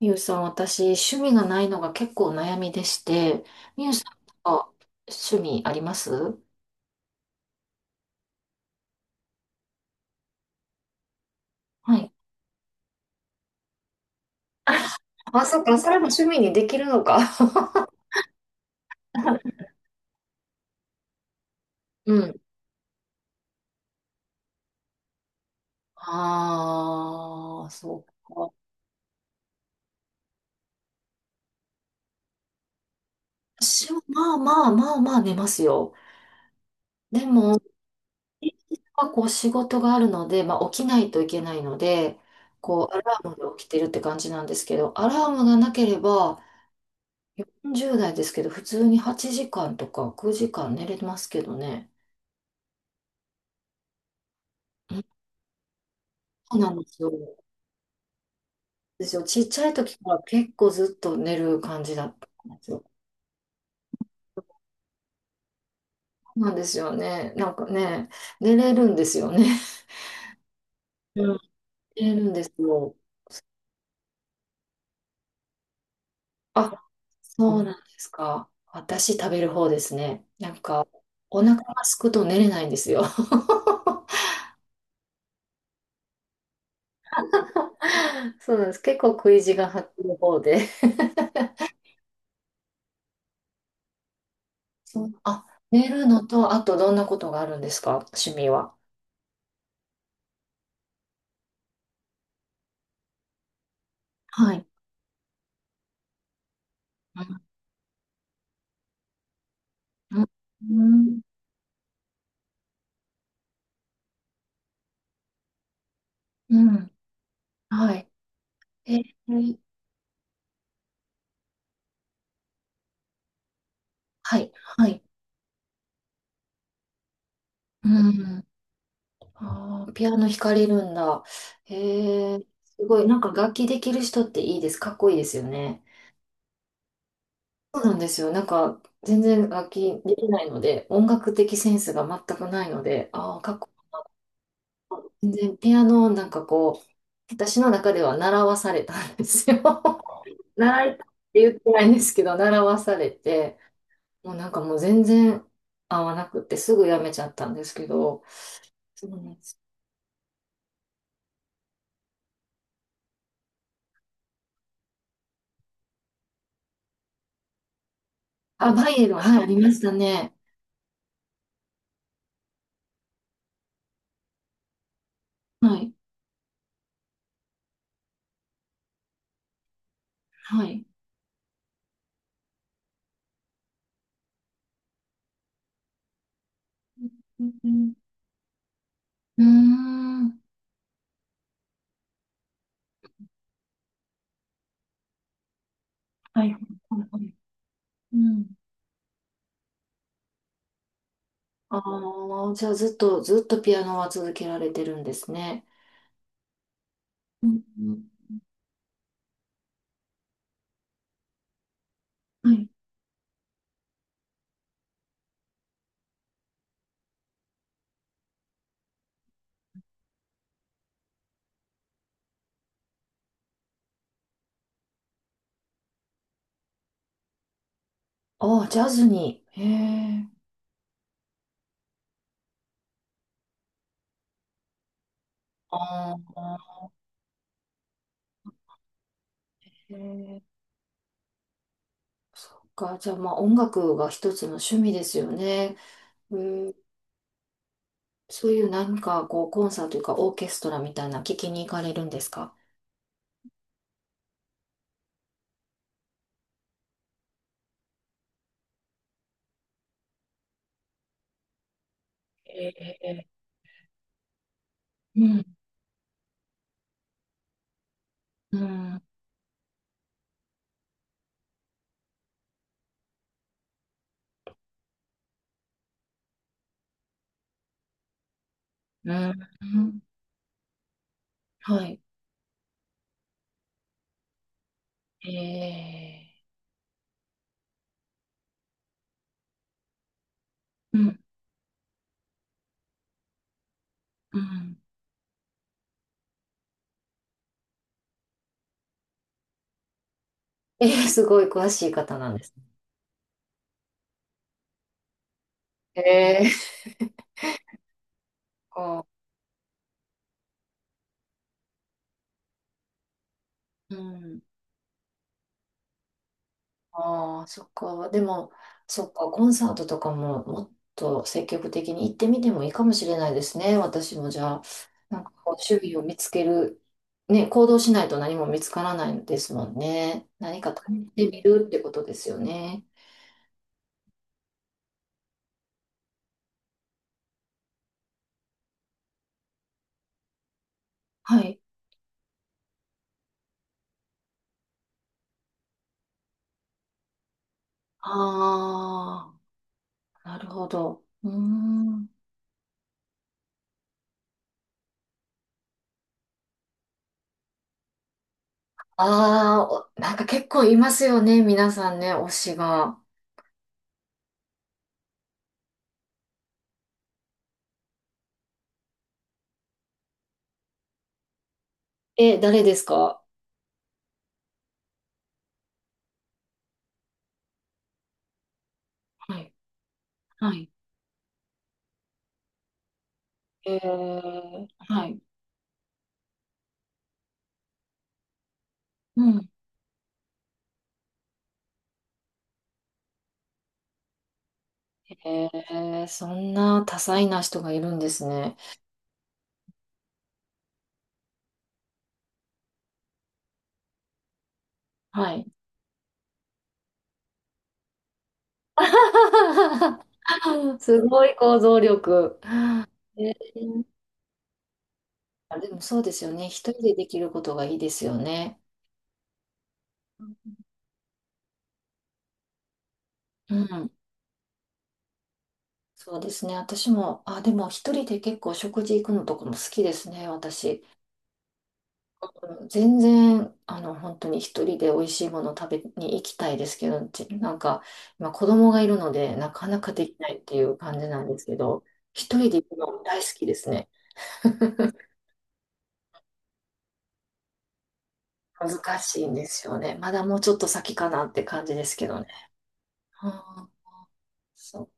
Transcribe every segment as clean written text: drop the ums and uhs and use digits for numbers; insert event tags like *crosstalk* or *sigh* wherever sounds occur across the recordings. みゆさん、私、趣味がないのが結構悩みでして、みゆさんとか趣味ありますはい。*laughs* あ、そっか、それも趣味にできるのか。*laughs* うん。ああ、そうか。私はまあまあまあまあ寝ますよ。でも、こう仕事があるので、まあ起きないといけないので、こうアラームで起きてるって感じなんですけど、アラームがなければ、40代ですけど、普通に8時間とか9時間寝れますけどね。そうなんですよ。ですよ。ちっちゃい時から結構ずっと寝る感じだったんですよ。そうなんですよね。なんかね、寝れるんですよね。うん、寝れるんですよ。あ、そうなんですか。私食べる方ですね。なんか、お腹が空くと寝れないんですよ。*laughs* そうなんです。結構食い地が張ってる方で。そうあ、寝るのと、あとどんなことがあるんですか趣味は。はい。うん。うん。うん。うんはい。えーはい、はい。うん。あー、ピアノ弾かれるんだ。へえ、すごい。なんか楽器できる人っていいです。かっこいいですよね。そうなんですよ。なんか全然楽器できないので、音楽的センスが全くないので、ああ、かっこいい。全然ピアノをなんかこう、私の中では習わされたんですよ。*laughs* 習いたいって言ってないんですけど、習わされて、もうなんかもう全然合わなくってすぐやめちゃったんですけど、そうなんです。あ、バイエルン、はい、ありましたね。はい。はい。うんうーん。はいはいはい。うん。ああ、じゃあずっと、ずっとピアノは続けられてるんですね。うんうんはい。ああ、ジャズに。へえ。ああ、へえ。そっか。じゃあまあ音楽が一つの趣味ですよね。うん、そういうなんかこうコンサートというかオーケストラみたいな聞きに行かれるんですかええ。うん、うん、うん、うんはい。ええ。うん。えー、すごい詳しい方なんですね。えー、そっか。うん。ああ、そっか。でも、そっか、コンサートとかももっと積極的に行ってみてもいいかもしれないですね。私もじゃあ、なんかこう、趣味を見つける、ね、行動しないと何も見つからないですもんね。何かう試してみるってことですよね。はい。ああ、なるほど。うーん。ああ、お、なんか結構いますよね、皆さんね、推しが。え、誰ですかはい。はい。えー、はい。うん。えー、そんな多彩な人がいるんですね。はい。*laughs* すごい構造力。うんあ、でもそうですよね。一人でできることがいいですよね。うん。そうですね。私も、あ、でも一人で結構食事行くのとかも好きですね、私。うん、全然、あの、本当に一人で美味しいものを食べに行きたいですけど、ちなんか、今子供がいるので、なかなかできないっていう感じなんですけど、一人で行くの大好きですね。難しいんですよね。まだもうちょっと先かなって感じですけどね。あー、そう。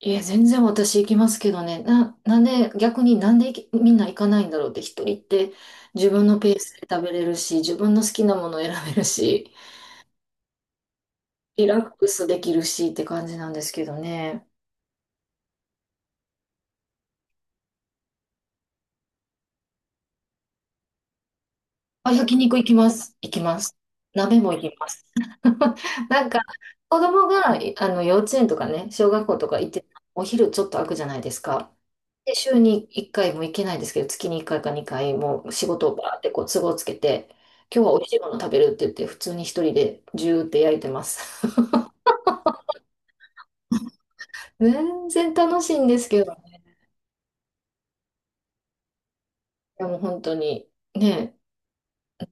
いや、全然私行きますけどね。なんで、逆になんでみんな行かないんだろうって、一人って自分のペースで食べれるし、自分の好きなものを選べるし、リラックスできるしって感じなんですけどね。あ、焼肉行きます。行きます。鍋も行きます。*laughs* なんか、子供が、あの、幼稚園とかね、小学校とか行って、お昼ちょっと空くじゃないですか。で、週に1回も行けないですけど、月に1回か2回もう仕事をバーってこう都合つけて、今日は美味しいもの食べるって言って、普通に一人でジューって焼いてます。*laughs* 全然楽しいんですけどね、でも本当に、ね、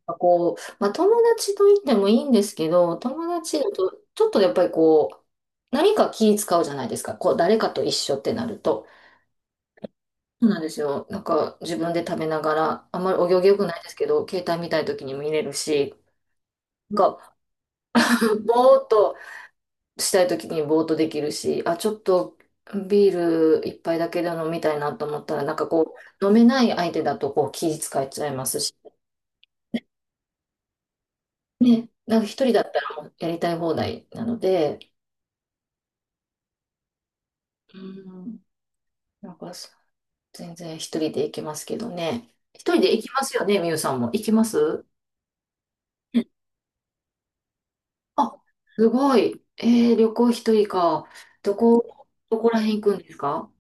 かこう、まあ、友達と言ってもいいんですけど、友達だとちょっとやっぱりこう、何か気使うじゃないですか。こう、誰かと一緒ってなると。そうなんですよ。なんか自分で食べながら、あんまりお行儀良くないですけど、携帯見たい時に見れるし、なんかぼーっとしたい時にぼーっとできるし、あ、ちょっとビール一杯だけで飲みたいなと思ったら、なんかこう、飲めない相手だとこう気使っちゃいますし、ね、なんか一人だったらもうやりたい放題なので、うん、なんかそ全然一人で行きますけどね。一人で行きますよね、みゆさんも。行きますうんあ、すごい。えー、旅行一人か。どこ、どこら辺行くんですか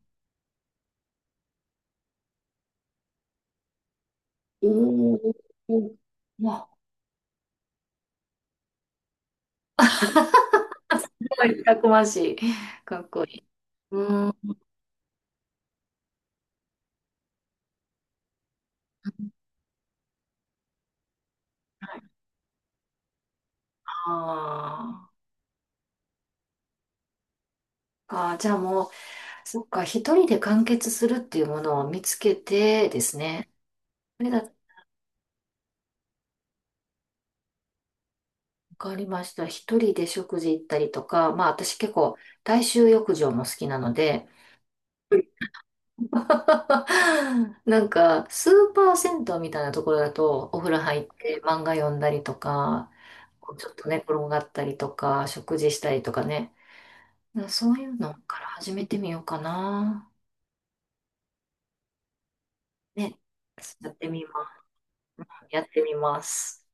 おおー、まあ、*laughs* たくましい。かっこいい。うーん、あー、あー、じゃあもう、そっか、一人で完結するっていうものを見つけてですね。それだわかりました。一人で食事行ったりとか、まあ私結構大衆浴場も好きなので、うん、 *laughs* なんかスーパー銭湯みたいなところだとお風呂入って漫画読んだりとか、ちょっと寝転がったりとか、食事したりとかね。そういうのから始めてみようかな。ね。やってみます。やってみます。